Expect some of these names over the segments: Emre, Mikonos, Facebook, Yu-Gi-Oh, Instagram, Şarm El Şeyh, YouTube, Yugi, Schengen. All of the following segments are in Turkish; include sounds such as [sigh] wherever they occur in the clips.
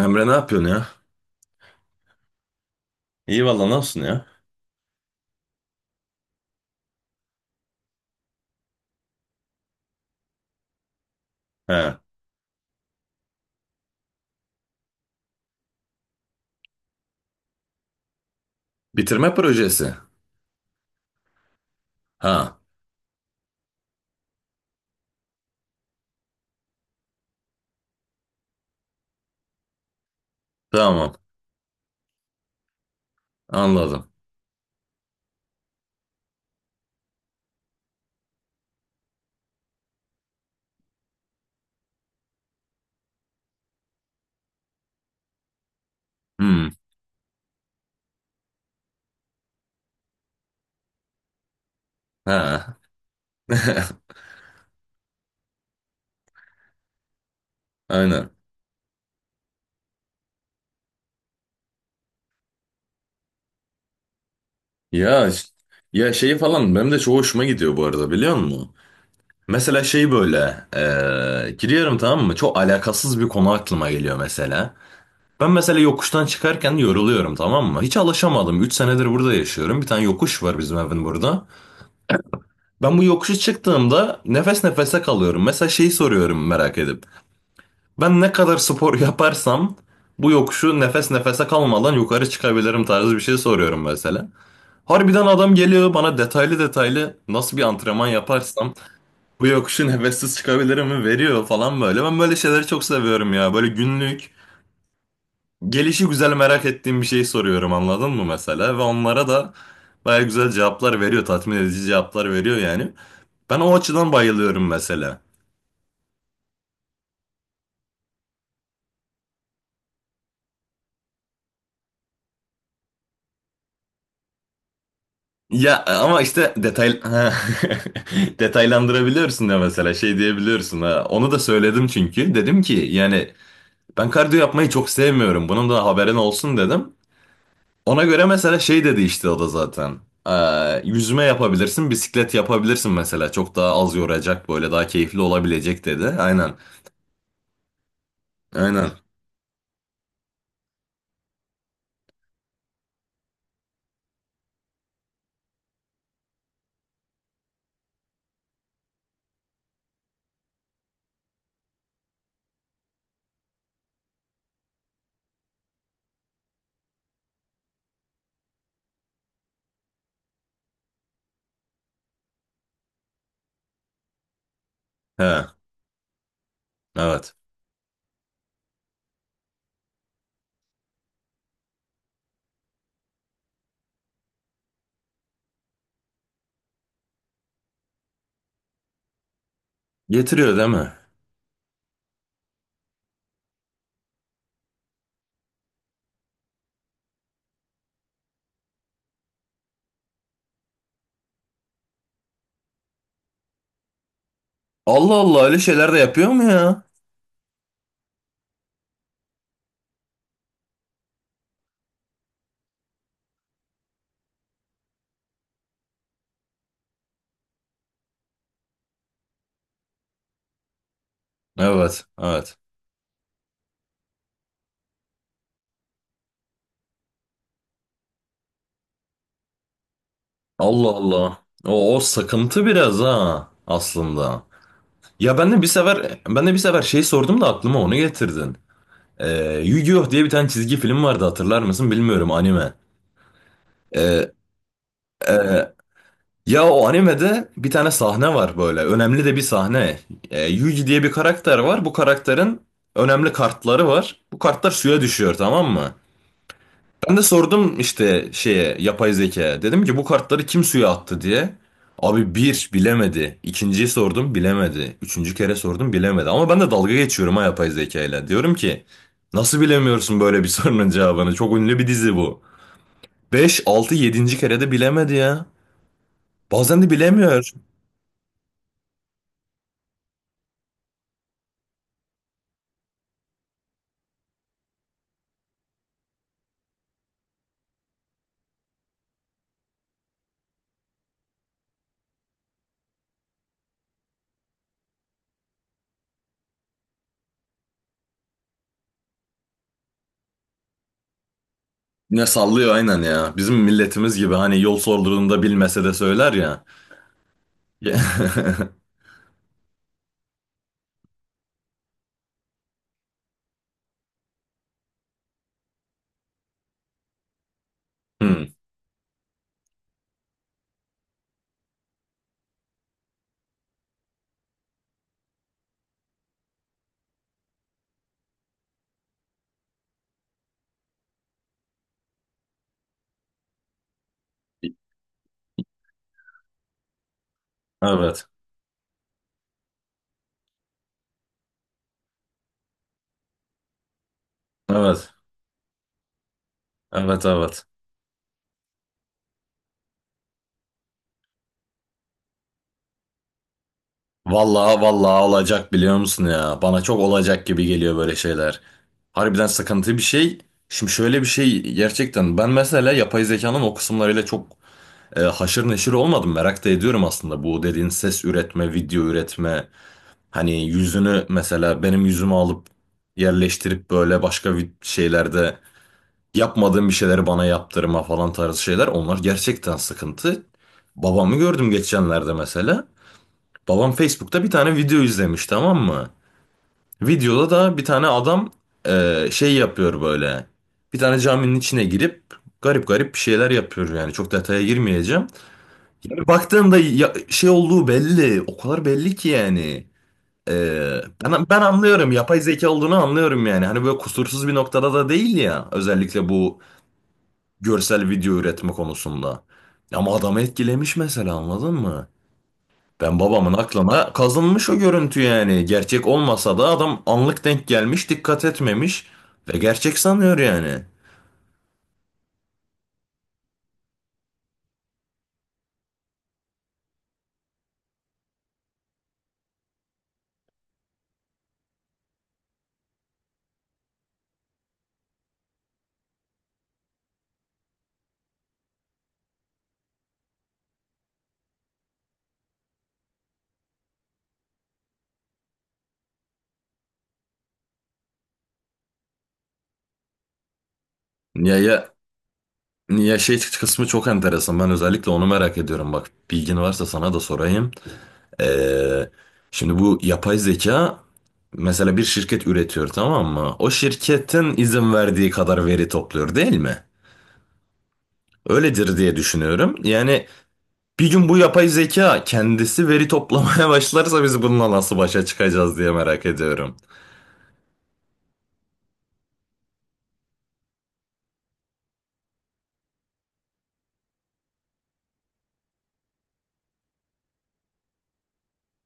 Emre ne yapıyorsun ya? İyi valla ne olsun ya? He. Bitirme projesi. Ha. Tamam. Anladım. Hmm. Ha. [laughs] Aynen. Ya ş- ya şeyi falan benim de çok hoşuma gidiyor bu arada biliyor musun? Mesela şey böyle giriyorum tamam mı? Çok alakasız bir konu aklıma geliyor mesela. Ben mesela yokuştan çıkarken yoruluyorum tamam mı? Hiç alışamadım. 3 senedir burada yaşıyorum. Bir tane yokuş var bizim evin burada. Ben bu yokuşu çıktığımda nefes nefese kalıyorum. Mesela şeyi soruyorum merak edip. Ben ne kadar spor [laughs] yaparsam bu yokuşu nefes nefese kalmadan yukarı çıkabilirim tarzı bir şey soruyorum mesela. Harbiden adam geliyor bana detaylı detaylı nasıl bir antrenman yaparsam bu yokuşu [laughs] nefessiz çıkabilirim mi veriyor falan böyle. Ben böyle şeyleri çok seviyorum ya. Böyle günlük gelişi güzel merak ettiğim bir şey soruyorum anladın mı mesela? Ve onlara da baya güzel cevaplar veriyor. Tatmin edici cevaplar veriyor yani. Ben o açıdan bayılıyorum mesela. Ya ama işte detay. [laughs] Ha. Detaylandırabiliyorsun ya mesela şey diyebiliyorsun ha. Onu da söyledim çünkü dedim ki yani ben kardiyo yapmayı çok sevmiyorum. Bunun da haberin olsun dedim. Ona göre mesela şey dedi işte o da zaten. Yüzme yapabilirsin, bisiklet yapabilirsin mesela. Çok daha az yoracak böyle daha keyifli olabilecek dedi. Aynen. Aynen. He. Evet. Getiriyor değil mi? Allah Allah, öyle şeyler de yapıyor mu ya? Evet. Evet. Allah Allah. O sıkıntı biraz ha aslında. Ya ben de bir sefer şey sordum da aklıma onu getirdin. Yu-Gi-Oh diye bir tane çizgi film vardı, hatırlar mısın bilmiyorum, anime. Ee, e, ya o animede bir tane sahne var, böyle önemli de bir sahne. Yugi diye bir karakter var, bu karakterin önemli kartları var. Bu kartlar suya düşüyor tamam mı? Ben de sordum işte şeye, yapay zeka. Dedim ki bu kartları kim suya attı diye. Abi bir bilemedi. İkinciyi sordum, bilemedi. Üçüncü kere sordum, bilemedi. Ama ben de dalga geçiyorum ha yapay zekayla. Diyorum ki nasıl bilemiyorsun böyle bir [laughs] sorunun cevabını? Çok ünlü bir dizi bu. Beş 6 yedinci kere de bilemedi ya. Bazen de bilemiyor. Ne sallıyor aynen ya. Bizim milletimiz gibi hani yol sorduğunda bilmese de söyler ya. [laughs] Hmm. Evet. Evet. Evet. Evet. Vallahi vallahi olacak, biliyor musun ya? Bana çok olacak gibi geliyor böyle şeyler. Harbiden sıkıntı bir şey. Şimdi şöyle bir şey, gerçekten ben mesela yapay zekanın o kısımlarıyla çok haşır neşir olmadım. Merak da ediyorum aslında bu dediğin ses üretme, video üretme. Hani yüzünü mesela, benim yüzümü alıp yerleştirip böyle başka şeylerde yapmadığım bir şeyleri bana yaptırma falan tarzı şeyler onlar gerçekten sıkıntı. Babamı gördüm geçenlerde mesela. Babam Facebook'ta bir tane video izlemiş tamam mı? Videoda da bir tane adam şey yapıyor böyle. Bir tane caminin içine girip garip garip bir şeyler yapıyor, yani çok detaya girmeyeceğim. Yani baktığımda şey olduğu belli, o kadar belli ki yani. E, ben anlıyorum, yapay zeka olduğunu anlıyorum yani. Hani böyle kusursuz bir noktada da değil ya, özellikle bu görsel video üretme konusunda. Ama adamı etkilemiş mesela, anladın mı? Ben, babamın aklına kazınmış o görüntü yani. Gerçek olmasa da adam anlık denk gelmiş, dikkat etmemiş ve gerçek sanıyor yani. Ya ya ya şey kısmı çok enteresan. Ben özellikle onu merak ediyorum. Bak bilgin varsa sana da sorayım. Ee, Şimdi bu yapay zeka, mesela bir şirket üretiyor tamam mı? O şirketin izin verdiği kadar veri topluyor değil mi? Öyledir diye düşünüyorum. Yani bir gün bu yapay zeka kendisi veri toplamaya [laughs] başlarsa biz bununla nasıl başa çıkacağız diye merak ediyorum.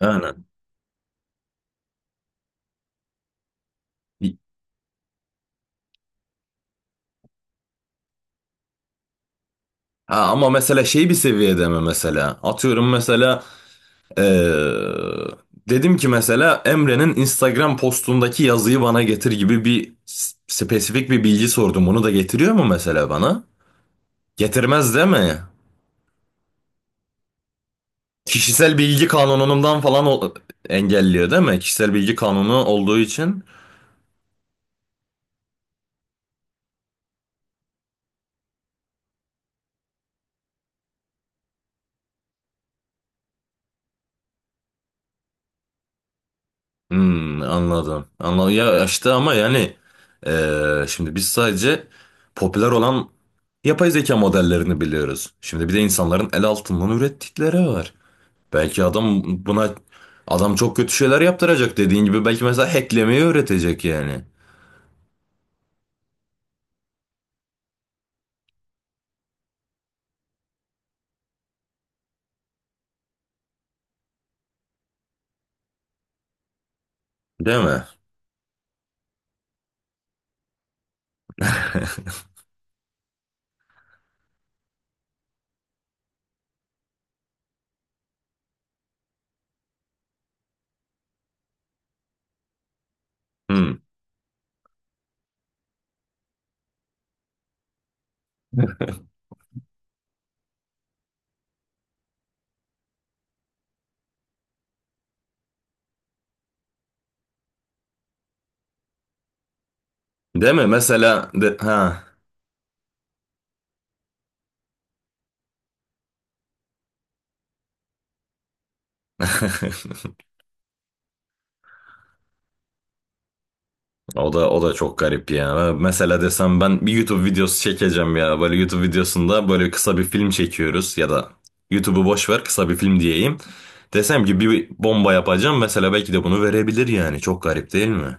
Aynen. Ha, ama mesela şey bir seviyede mi mesela? Atıyorum mesela eee, dedim ki mesela, Emre'nin Instagram postundaki yazıyı bana getir gibi bir spesifik bir bilgi sordum. Bunu da getiriyor mu mesela bana? Getirmez değil mi? Kişisel bilgi kanunundan falan engelliyor değil mi? Kişisel bilgi kanunu olduğu için. Hmm, anladım. Anladım. Ya işte ama yani şimdi biz sadece popüler olan yapay zeka modellerini biliyoruz. Şimdi bir de insanların el altından ürettikleri var. Belki adam çok kötü şeyler yaptıracak dediğin gibi, belki mesela hacklemeyi öğretecek yani. Değil mi? [laughs] Hmm. Değil mi? Mesela de, ha. [laughs] O da çok garip ya. Mesela desem ben bir YouTube videosu çekeceğim ya. Böyle YouTube videosunda böyle kısa bir film çekiyoruz, ya da YouTube'u boş ver, kısa bir film diyeyim. Desem ki bir bomba yapacağım mesela, belki de bunu verebilir yani. Çok garip değil mi?